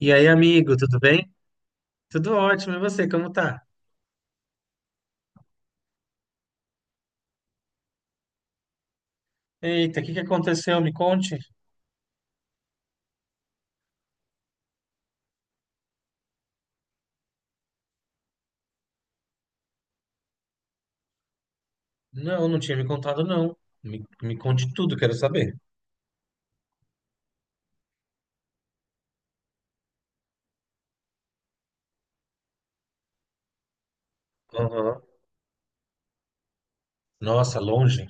E aí, amigo, tudo bem? Tudo ótimo, e você, como tá? Eita, o que que aconteceu? Me conte. Não, não tinha me contado, não. Me conte tudo, quero saber. Aham. Nossa, longe.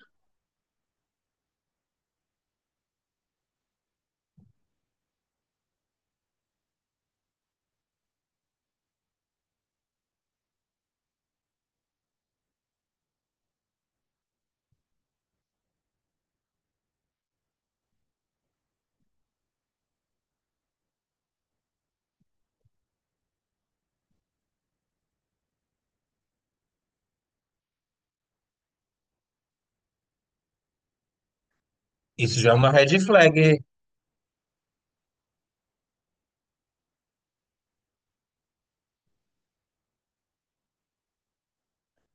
Isso já é uma red flag.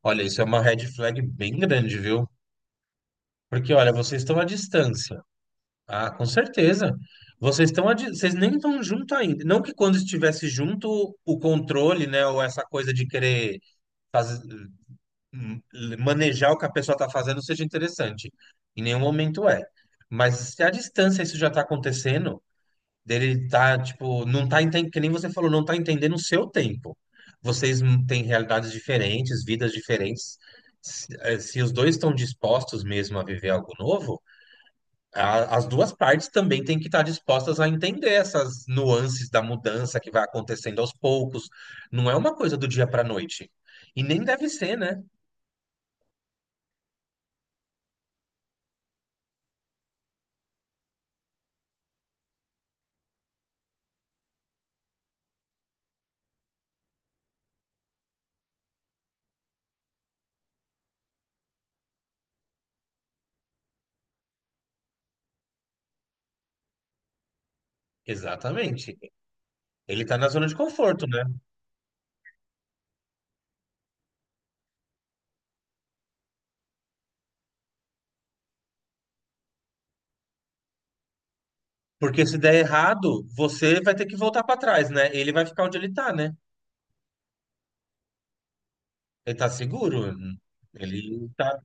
Olha, isso é uma red flag bem grande, viu? Porque, olha, vocês estão à distância. Ah, com certeza. Vocês estão, vocês nem estão junto ainda. Não que quando estivesse junto, o controle, né, ou essa coisa de querer fazer. hum, Manejar o que a pessoa está fazendo seja interessante. Em nenhum momento é. Mas se à distância isso já está acontecendo, dele tá, tipo, não tá entendendo, que nem você falou, não tá entendendo o seu tempo. Vocês têm realidades diferentes, vidas diferentes. Se, se os dois estão dispostos mesmo a viver algo novo, as duas partes também têm que estar dispostas a entender essas nuances da mudança que vai acontecendo aos poucos. Não é uma coisa do dia para a noite. E nem deve ser, né? Exatamente. Ele tá na zona de conforto, né? Porque se der errado, você vai ter que voltar pra trás, né? Ele vai ficar onde ele tá, né? Ele tá seguro. Ele tá...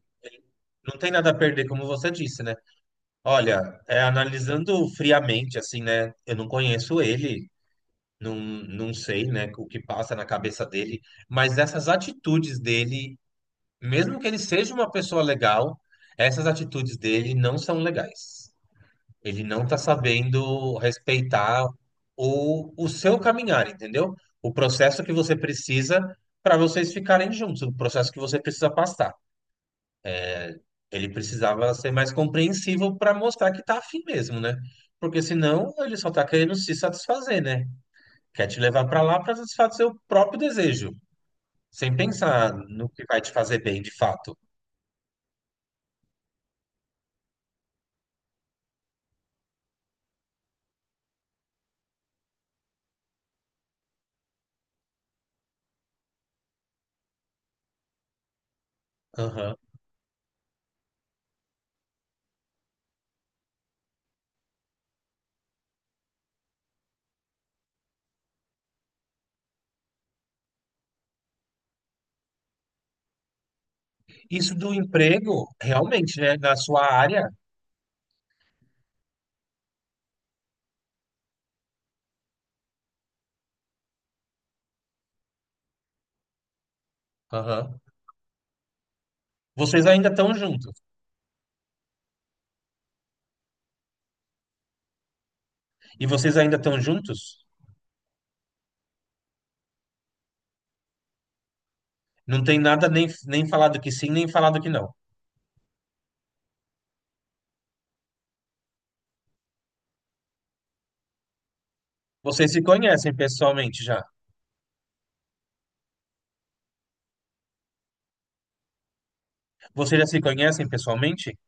não tem nada a perder, como você disse, né? Olha, é, analisando friamente, assim, né? Eu não conheço ele, não, não sei, né? O que passa na cabeça dele, mas essas atitudes dele, mesmo que ele seja uma pessoa legal, essas atitudes dele não são legais. Ele não está sabendo respeitar o seu caminhar, entendeu? O processo que você precisa para vocês ficarem juntos, o processo que você precisa passar. Ele precisava ser mais compreensivo para mostrar que tá afim mesmo, né? Porque senão ele só tá querendo se satisfazer, né? Quer te levar para lá para satisfazer o próprio desejo, sem pensar no que vai te fazer bem de fato. Aham. Isso do emprego, realmente, né? Na sua área, aham. Vocês ainda estão juntos. E vocês ainda estão juntos? Não tem nada nem, nem falado que sim, nem falado que não. Vocês se conhecem pessoalmente já? Vocês já se conhecem pessoalmente?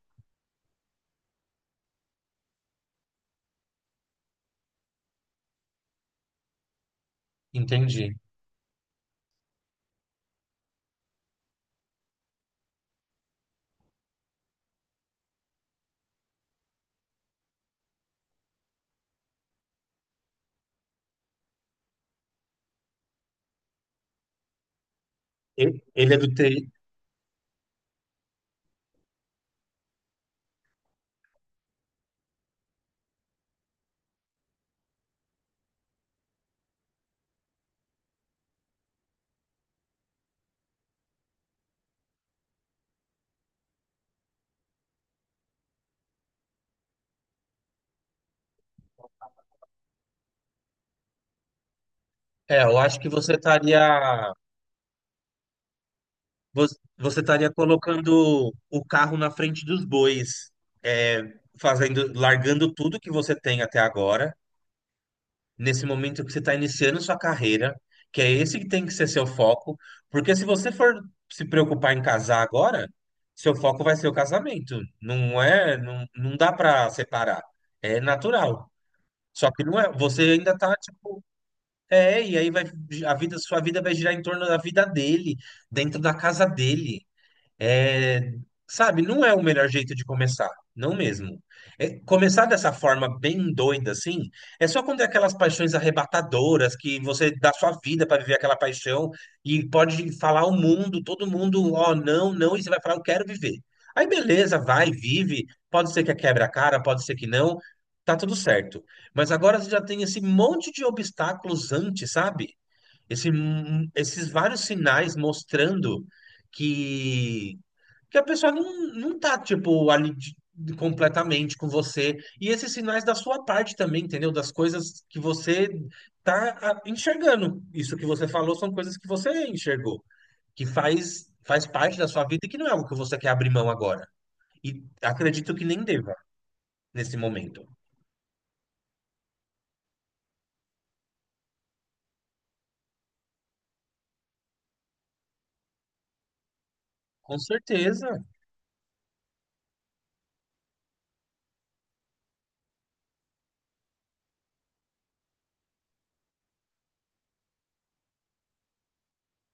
Entendi. Ele é do TI. É, eu acho que vo- você estaria colocando o carro na frente dos bois, é, fazendo, largando tudo que você tem até agora, nesse momento que você está iniciando sua carreira, que é esse que tem que ser seu foco, porque se você for se preocupar em casar agora, seu foco vai ser o casamento. Não é, não, não dá para separar. É natural. Só que não é, você ainda tá tipo, é, e aí vai a vida, sua vida vai girar em torno da vida dele, dentro da casa dele. É, sabe, não é o melhor jeito de começar, não mesmo. É, começar dessa forma bem doida assim, é só quando é aquelas paixões arrebatadoras que você dá sua vida para viver aquela paixão e pode falar ao mundo, todo mundo, ó, não, não, e você vai falar, eu quero viver. Aí beleza, vai, vive. Pode ser que quebre a cara, pode ser que não, tá tudo certo. Mas agora você já tem esse monte de obstáculos antes, sabe? Esse, esses vários sinais mostrando que porque a pessoa não, não tá, tipo, completamente com você. E esses sinais da sua parte também, entendeu? Das coisas que você tá enxergando. Isso que você falou são coisas que você enxergou, que faz parte da sua vida e que não é algo que você quer abrir mão agora. E acredito que nem deva nesse momento. Com certeza,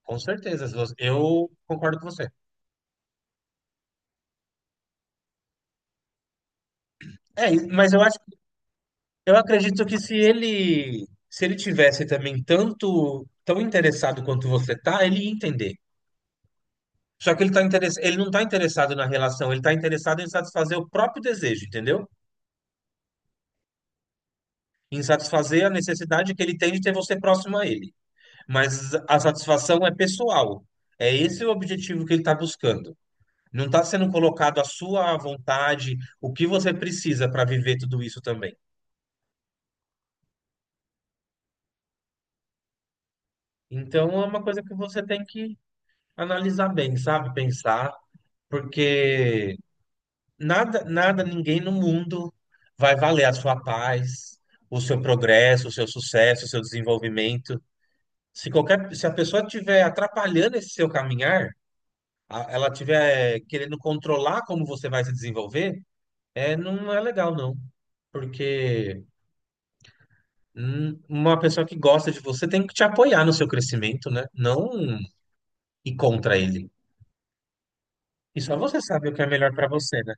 com certeza. Eu concordo com você. É, mas eu acho. Eu acredito que se ele tivesse também tanto tão interessado quanto você tá, ele ia entender. Só que ele não está interessado na relação, ele está interessado em satisfazer o próprio desejo, entendeu? Em satisfazer a necessidade que ele tem de ter você próximo a ele. Mas a satisfação é pessoal. É esse o objetivo que ele está buscando. Não está sendo colocado a sua vontade, o que você precisa para viver tudo isso também. Então é uma coisa que você tem que analisar bem, sabe? Pensar. Porque nada, nada, ninguém no mundo vai valer a sua paz, o seu progresso, o seu sucesso, o seu desenvolvimento. Se a pessoa estiver atrapalhando esse seu caminhar, ela estiver querendo controlar como você vai se desenvolver, é, não é legal, não. Porque uma pessoa que gosta de você tem que te apoiar no seu crescimento, né? Não ir contra ele. E só você sabe o que é melhor para você, né?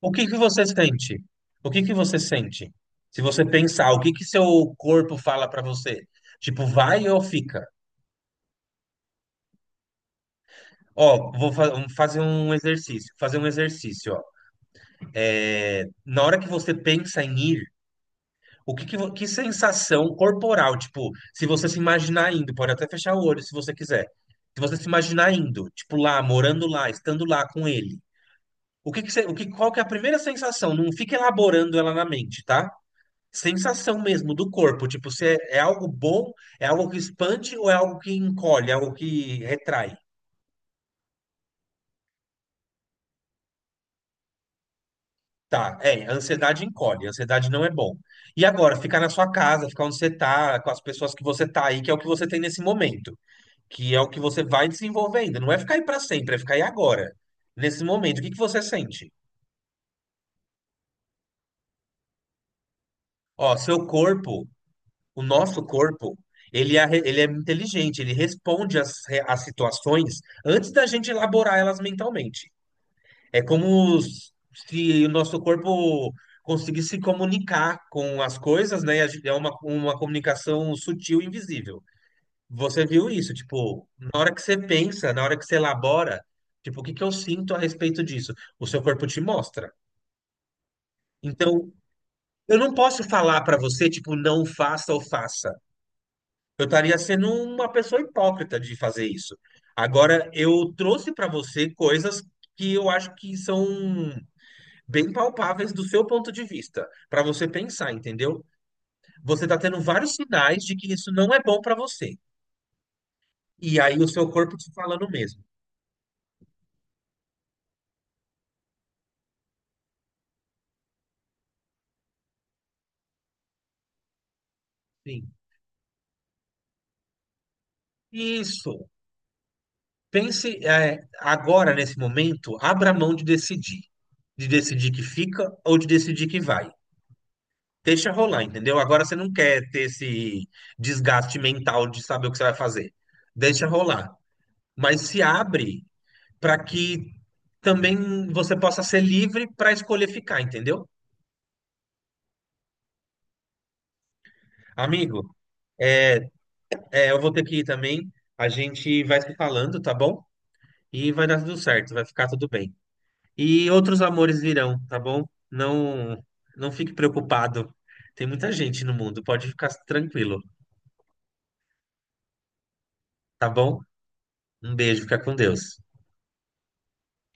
O que que você sente? O que que você sente? Se você pensar, o que que seu corpo fala para você? Tipo, vai ou fica? Ó, vamos fazer um exercício, ó. É, na hora que você pensa em ir, o que que, vo- que sensação corporal, tipo, se você se imaginar indo, pode até fechar o olho se você quiser. Se você se imaginar indo, tipo lá, morando lá, estando lá com ele. O que que você, o que, qual que é a primeira sensação? Não fica elaborando ela na mente, tá? Sensação mesmo do corpo, tipo, se é, é algo bom, é algo que expande ou é algo que encolhe, é algo que retrai. Tá, é, a ansiedade encolhe, a ansiedade não é bom. E agora, ficar na sua casa, ficar onde você tá, com as pessoas que você tá aí, que é o que você tem nesse momento, que é o que você vai desenvolvendo, não é ficar aí pra sempre, é ficar aí agora, nesse momento. O que que você sente? Ó, seu corpo, o nosso corpo, ele é inteligente, ele responde às situações antes da gente elaborar elas mentalmente. É como se o nosso corpo conseguisse se comunicar com as coisas, né? E a gente- É uma comunicação sutil e invisível. Você viu isso, tipo, na hora que você pensa, na hora que você elabora, tipo, o que que eu sinto a respeito disso? O seu corpo te mostra. Então, eu não posso falar pra você, tipo, não faça ou faça. Eu estaria sendo uma pessoa hipócrita de fazer isso. Agora, eu trouxe pra você coisas que eu acho que são bem palpáveis do seu ponto de vista, para você pensar, entendeu? Você está tendo vários sinais de que isso não é bom para você. E aí o seu corpo te falando mesmo. Sim. Isso. Pense, é, agora, nesse momento, abra mão de decidir. De decidir que fica ou de decidir que vai. Deixa rolar, entendeu? Agora você não quer ter esse desgaste mental de saber o que você vai fazer. Deixa rolar. Mas se abre para que também você possa ser livre para escolher ficar, entendeu? Amigo, é, eu vou ter que ir também. A gente vai se falando, tá bom? E vai dar tudo certo, vai ficar tudo bem. E outros amores virão, tá bom? Não, não fique preocupado. Tem muita gente no mundo, pode ficar tranquilo, tá bom? Um beijo, fica com Deus.